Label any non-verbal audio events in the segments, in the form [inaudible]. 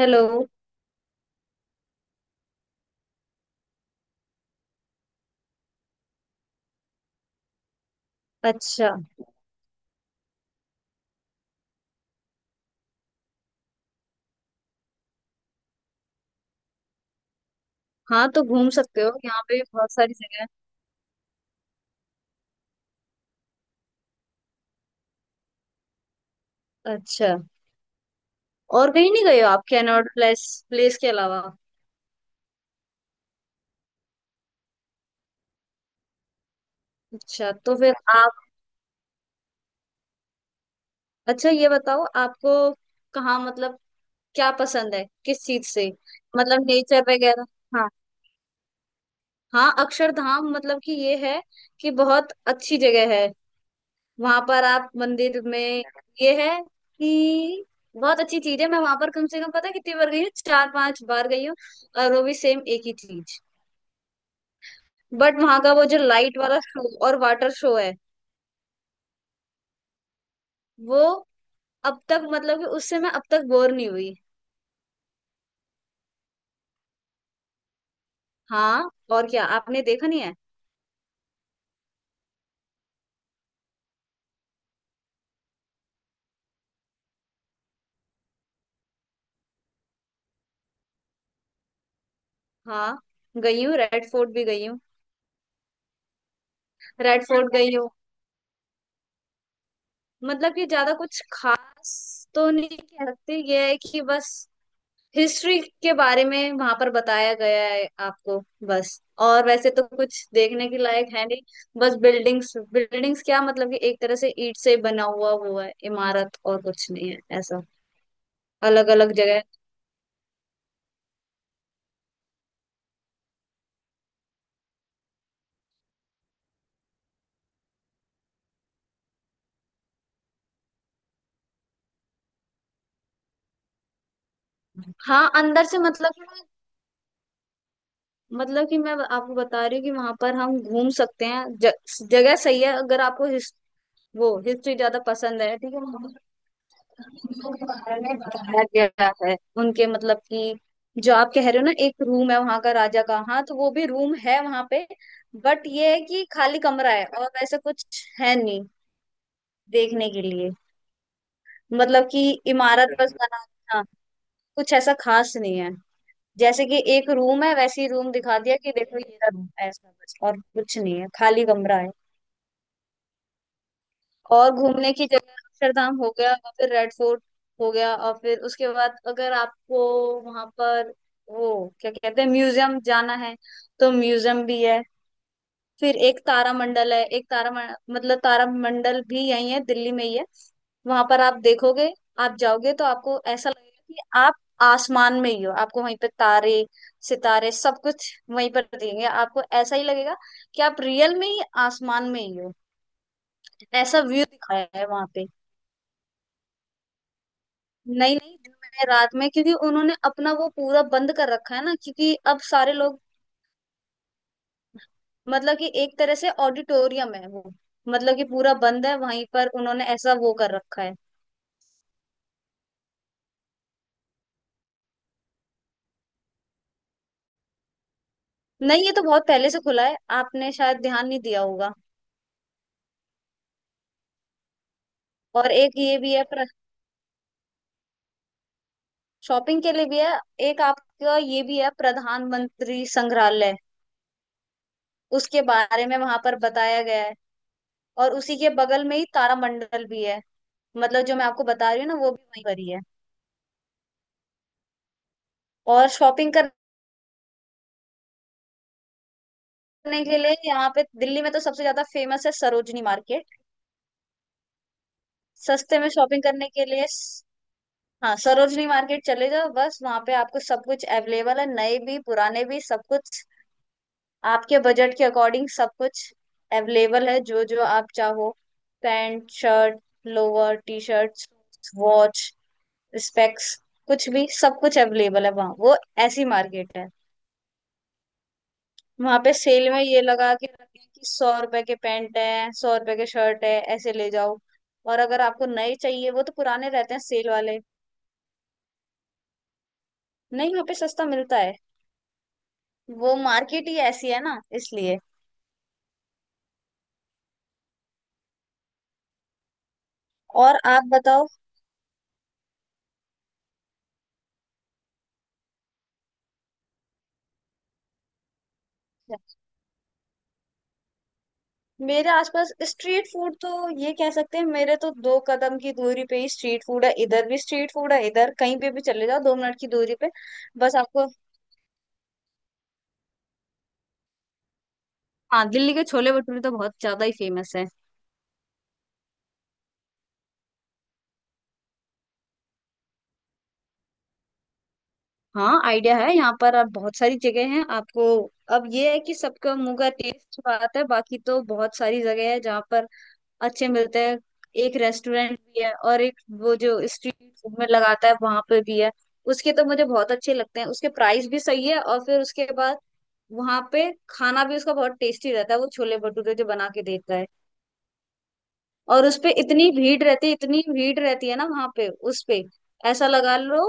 Hello. अच्छा। हाँ, तो घूम सकते हो, यहाँ पे भी बहुत सारी जगह है। अच्छा, और कहीं नहीं गए हो आप? कैनॉट प्लेस प्लेस के अलावा? अच्छा तो फिर आप, अच्छा ये बताओ आपको कहाँ, मतलब क्या पसंद है, किस चीज से? मतलब नेचर वगैरह? हाँ, हाँ। अक्षरधाम, मतलब कि ये है कि बहुत अच्छी जगह है। वहां पर आप मंदिर में, ये है कि बहुत अच्छी चीज है। मैं वहां पर कम से कम पता है कितनी बार गई हूँ, 4-5 बार गई हूँ। और वो भी सेम एक ही चीज। बट वहां का वो जो लाइट वाला शो और वाटर शो है वो अब तक, मतलब कि उससे मैं अब तक बोर नहीं हुई। हाँ, और क्या आपने देखा नहीं है? हाँ, गई हूँ, रेड फोर्ट भी गई हूँ। रेड फोर्ट गई हूँ, मतलब कि ज्यादा कुछ खास तो नहीं कह सकते। ये है कि बस हिस्ट्री के बारे में वहां पर बताया गया है आपको, बस। और वैसे तो कुछ देखने के लायक है नहीं। बस बिल्डिंग्स बिल्डिंग्स, क्या मतलब कि एक तरह से ईंट से बना हुआ हुआ है इमारत, और कुछ नहीं है ऐसा। अलग अलग जगह। हाँ अंदर से मतलब, मतलब कि मैं आपको बता रही हूँ कि वहां पर हम घूम सकते हैं। जगह सही है। अगर आपको वो हिस्ट्री ज्यादा पसंद है, ठीक है, वहाँ पर चीजों के बारे में बताया गया है उनके, मतलब कि जो आप कह रहे हो ना एक रूम है वहां का राजा का, हाँ तो वो भी रूम है वहां पे। बट ये है कि खाली कमरा है और वैसे कुछ है नहीं देखने के लिए। मतलब कि इमारत बस बना, हाँ, कुछ ऐसा खास नहीं है। जैसे कि एक रूम है वैसे ही रूम दिखा दिया कि देखो ये रूम है ऐसा, बस और कुछ नहीं है, खाली कमरा है। और घूमने की जगह अक्षरधाम हो गया और फिर रेड फोर्ट हो गया, और फिर उसके बाद अगर आपको वहां पर वो क्या कहते हैं म्यूजियम जाना है तो म्यूजियम भी है। फिर एक तारामंडल है। एक तारा मतलब तारामंडल भी यही है, दिल्ली में ही है। वहां पर आप देखोगे, आप जाओगे तो आपको ऐसा लगेगा कि आप आसमान में ही हो। आपको वहीं पर तारे सितारे सब कुछ वहीं पर दिखेंगे। आपको ऐसा ही लगेगा कि आप रियल में ही आसमान में ही हो। ऐसा व्यू दिखाया है वहां पे। नहीं नहीं, दिन में रात में, क्योंकि उन्होंने अपना वो पूरा बंद कर रखा है ना, क्योंकि अब सारे लोग, मतलब कि एक तरह से ऑडिटोरियम है वो, मतलब कि पूरा बंद है वहीं पर, उन्होंने ऐसा वो कर रखा है। नहीं, ये तो बहुत पहले से खुला है, आपने शायद ध्यान नहीं दिया होगा। और एक ये भी है शॉपिंग के लिए भी है, एक आपका ये भी है प्रधानमंत्री संग्रहालय। उसके बारे में वहां पर बताया गया है, और उसी के बगल में ही तारामंडल भी है। मतलब जो मैं आपको बता रही हूँ ना वो भी वहीं पर ही है। और शॉपिंग करने के लिए यहाँ पे दिल्ली में तो सबसे ज्यादा फेमस है सरोजनी मार्केट। सस्ते में शॉपिंग करने के लिए हाँ, सरोजनी मार्केट चले जाओ, बस वहां पे आपको सब कुछ अवेलेबल है, नए भी पुराने भी सब कुछ, आपके बजट के अकॉर्डिंग सब कुछ अवेलेबल है, जो जो आप चाहो। Pant shirt, lower T shirt, watch, specs, कुछ भी सब कुछ अवेलेबल है वहाँ, वो ऐसी मार्केट है। वहां पे सेल में ये लगा के रखे हैं कि 100 रुपए के पैंट है, 100 रुपए के शर्ट है, ऐसे ले जाओ। और अगर आपको नए चाहिए, वो तो पुराने रहते हैं सेल वाले। नहीं वहाँ पे सस्ता मिलता है, वो मार्केट ही ऐसी है ना इसलिए। और आप बताओ। मेरे आसपास स्ट्रीट फूड तो ये कह सकते हैं, मेरे तो 2 कदम की दूरी पे ही स्ट्रीट फूड है। इधर भी स्ट्रीट फूड है, इधर कहीं पे भी चले जाओ, 2 मिनट की दूरी पे। बस आपको, हाँ दिल्ली के छोले भटूरे तो बहुत ज्यादा ही फेमस है। हाँ आइडिया है, यहाँ पर आप, बहुत सारी जगह हैं आपको। अब ये है कि सबका मुंह का टेस्ट बात है, बाकी तो बहुत सारी जगह है जहाँ पर अच्छे मिलते हैं। एक रेस्टोरेंट भी है, और एक वो जो स्ट्रीट फूड में लगाता है, वहां पे भी है। उसके तो मुझे बहुत अच्छे लगते हैं, उसके प्राइस भी सही है। और फिर उसके बाद वहां पे खाना भी उसका बहुत टेस्टी रहता है, वो छोले भटूरे जो बना के देता है। और उसपे इतनी भीड़ रहती है, इतनी भीड़ रहती है ना वहां पे उस पे। ऐसा लगा लो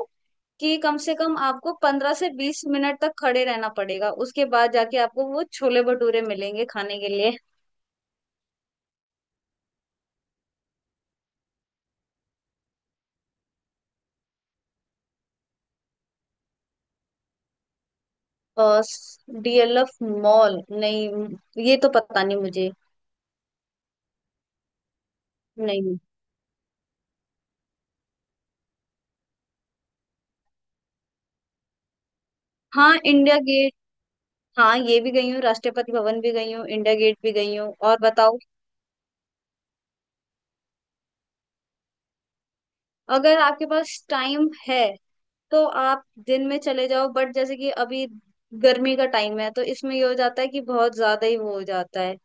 कि कम से कम आपको 15 से 20 मिनट तक खड़े रहना पड़ेगा, उसके बाद जाके आपको वो छोले भटूरे मिलेंगे खाने के लिए। डीएलएफ मॉल, नहीं ये तो पता नहीं मुझे। नहीं। हाँ इंडिया गेट, हाँ ये भी गई हूँ, राष्ट्रपति भवन भी गई हूँ, इंडिया गेट भी गई हूँ। और बताओ। अगर आपके पास टाइम है तो आप दिन में चले जाओ, बट जैसे कि अभी गर्मी का टाइम है तो इसमें ये हो जाता है कि बहुत ज्यादा ही वो हो जाता है।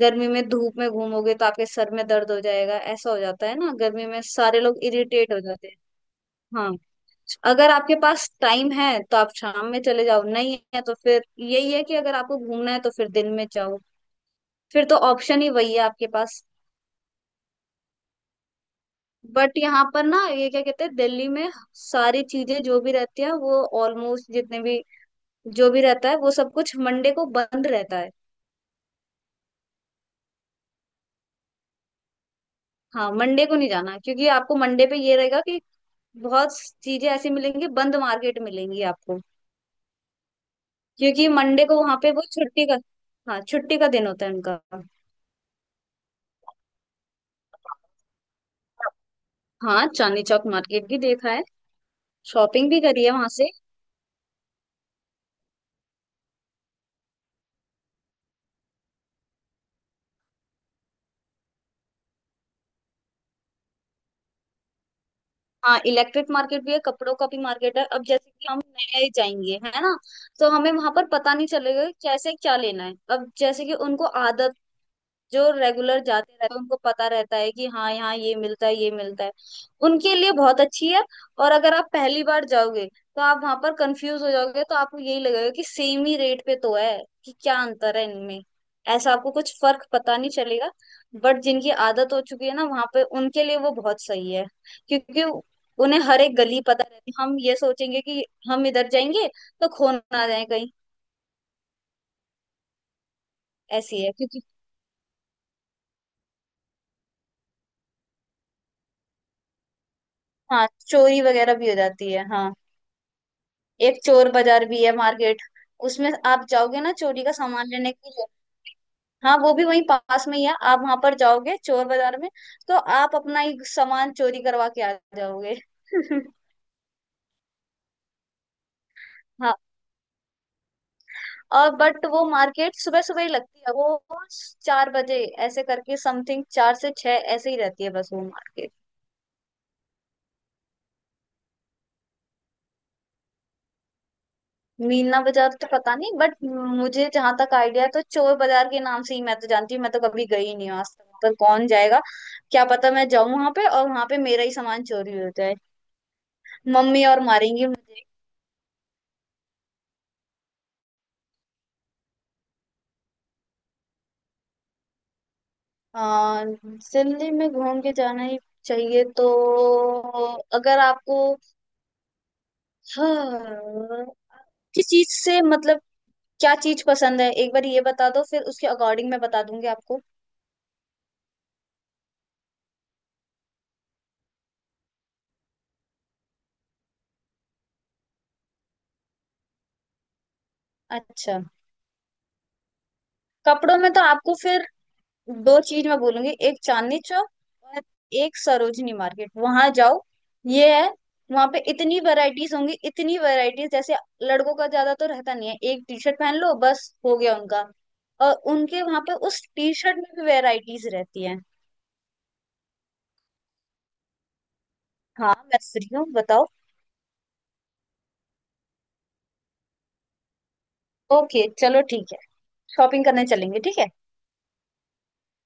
गर्मी में धूप में घूमोगे तो आपके सर में दर्द हो जाएगा, ऐसा हो जाता है ना, गर्मी में सारे लोग इरिटेट हो जाते हैं। हाँ, अगर आपके पास टाइम है तो आप शाम में चले जाओ, नहीं है तो फिर यही है कि अगर आपको घूमना है तो फिर दिन में जाओ। फिर तो ऑप्शन ही वही है आपके पास। बट यहाँ पर ना ये क्या कहते हैं, दिल्ली में सारी चीजें जो भी रहती है वो ऑलमोस्ट, जितने भी जो भी रहता है वो सब कुछ मंडे को बंद रहता है। हाँ मंडे को नहीं जाना, क्योंकि आपको मंडे पे ये रहेगा कि बहुत चीजें ऐसी मिलेंगी, बंद मार्केट मिलेंगी आपको। क्योंकि मंडे को वहां पे वो छुट्टी का, हाँ छुट्टी का दिन होता है उनका। हाँ चांदनी चौक मार्केट भी देखा है, शॉपिंग भी करी है वहां से। हाँ इलेक्ट्रिक मार्केट भी है, कपड़ों का भी मार्केट है। अब जैसे कि हम नए जाएंगे है ना, तो हमें वहां पर पता नहीं चलेगा कि कैसे क्या लेना है। अब जैसे कि उनको आदत, जो रेगुलर जाते रहते हैं उनको पता रहता है कि हाँ यहाँ ये मिलता है ये मिलता है, उनके लिए बहुत अच्छी है। और अगर आप पहली बार जाओगे तो आप वहां पर कंफ्यूज हो जाओगे, तो आपको यही लगेगा कि सेम ही रेट पे तो है, कि क्या अंतर है इनमें, ऐसा आपको कुछ फर्क पता नहीं चलेगा। बट जिनकी आदत हो चुकी है ना वहां पे, उनके लिए वो बहुत सही है, क्योंकि उन्हें हर एक गली पता रहती है। हम ये सोचेंगे कि हम इधर जाएंगे तो खो ना जाए कहीं, ऐसी है क्योंकि। हाँ चोरी वगैरह भी हो जाती है, हाँ। एक चोर बाजार भी है मार्केट, उसमें आप जाओगे ना चोरी का सामान लेने के लिए। हाँ वो भी वहीं पास में ही है। आप वहां पर जाओगे चोर बाजार में, तो आप अपना ही सामान चोरी करवा के आ जाओगे। [laughs] हाँ। और बट वो मार्केट सुबह सुबह ही लगती है, वो 4 बजे ऐसे करके, समथिंग 4 से 6 ऐसे ही रहती है बस, वो मार्केट। मीना बाजार तो पता नहीं बट, मुझे जहां तक आइडिया है तो चोर बाजार के नाम से ही मैं तो जानती हूँ। मैं तो कभी गई नहीं हूँ आज तक, पर कौन जाएगा, क्या पता मैं जाऊं वहां पे और वहां पे मेरा ही सामान चोरी हो जाए। मम्मी और मारेंगी मुझे। दिल्ली में घूम के जाना ही चाहिए तो, अगर आपको, हाँ, किस चीज से मतलब, क्या चीज पसंद है एक बार ये बता दो, फिर उसके अकॉर्डिंग मैं बता दूंगी आपको। अच्छा, कपड़ों में तो आपको फिर दो चीज मैं बोलूंगी, एक चांदनी चौक और एक सरोजनी मार्केट, वहां जाओ। ये है, वहां पे इतनी वैरायटीज होंगी, इतनी वैरायटीज, जैसे लड़कों का ज्यादा तो रहता नहीं है, एक टी शर्ट पहन लो बस हो गया उनका, और उनके वहां पे उस टी शर्ट में भी वैरायटीज रहती हैं। हाँ मैं फ्री हूँ, बताओ। ओके चलो ठीक है, शॉपिंग करने चलेंगे, ठीक है।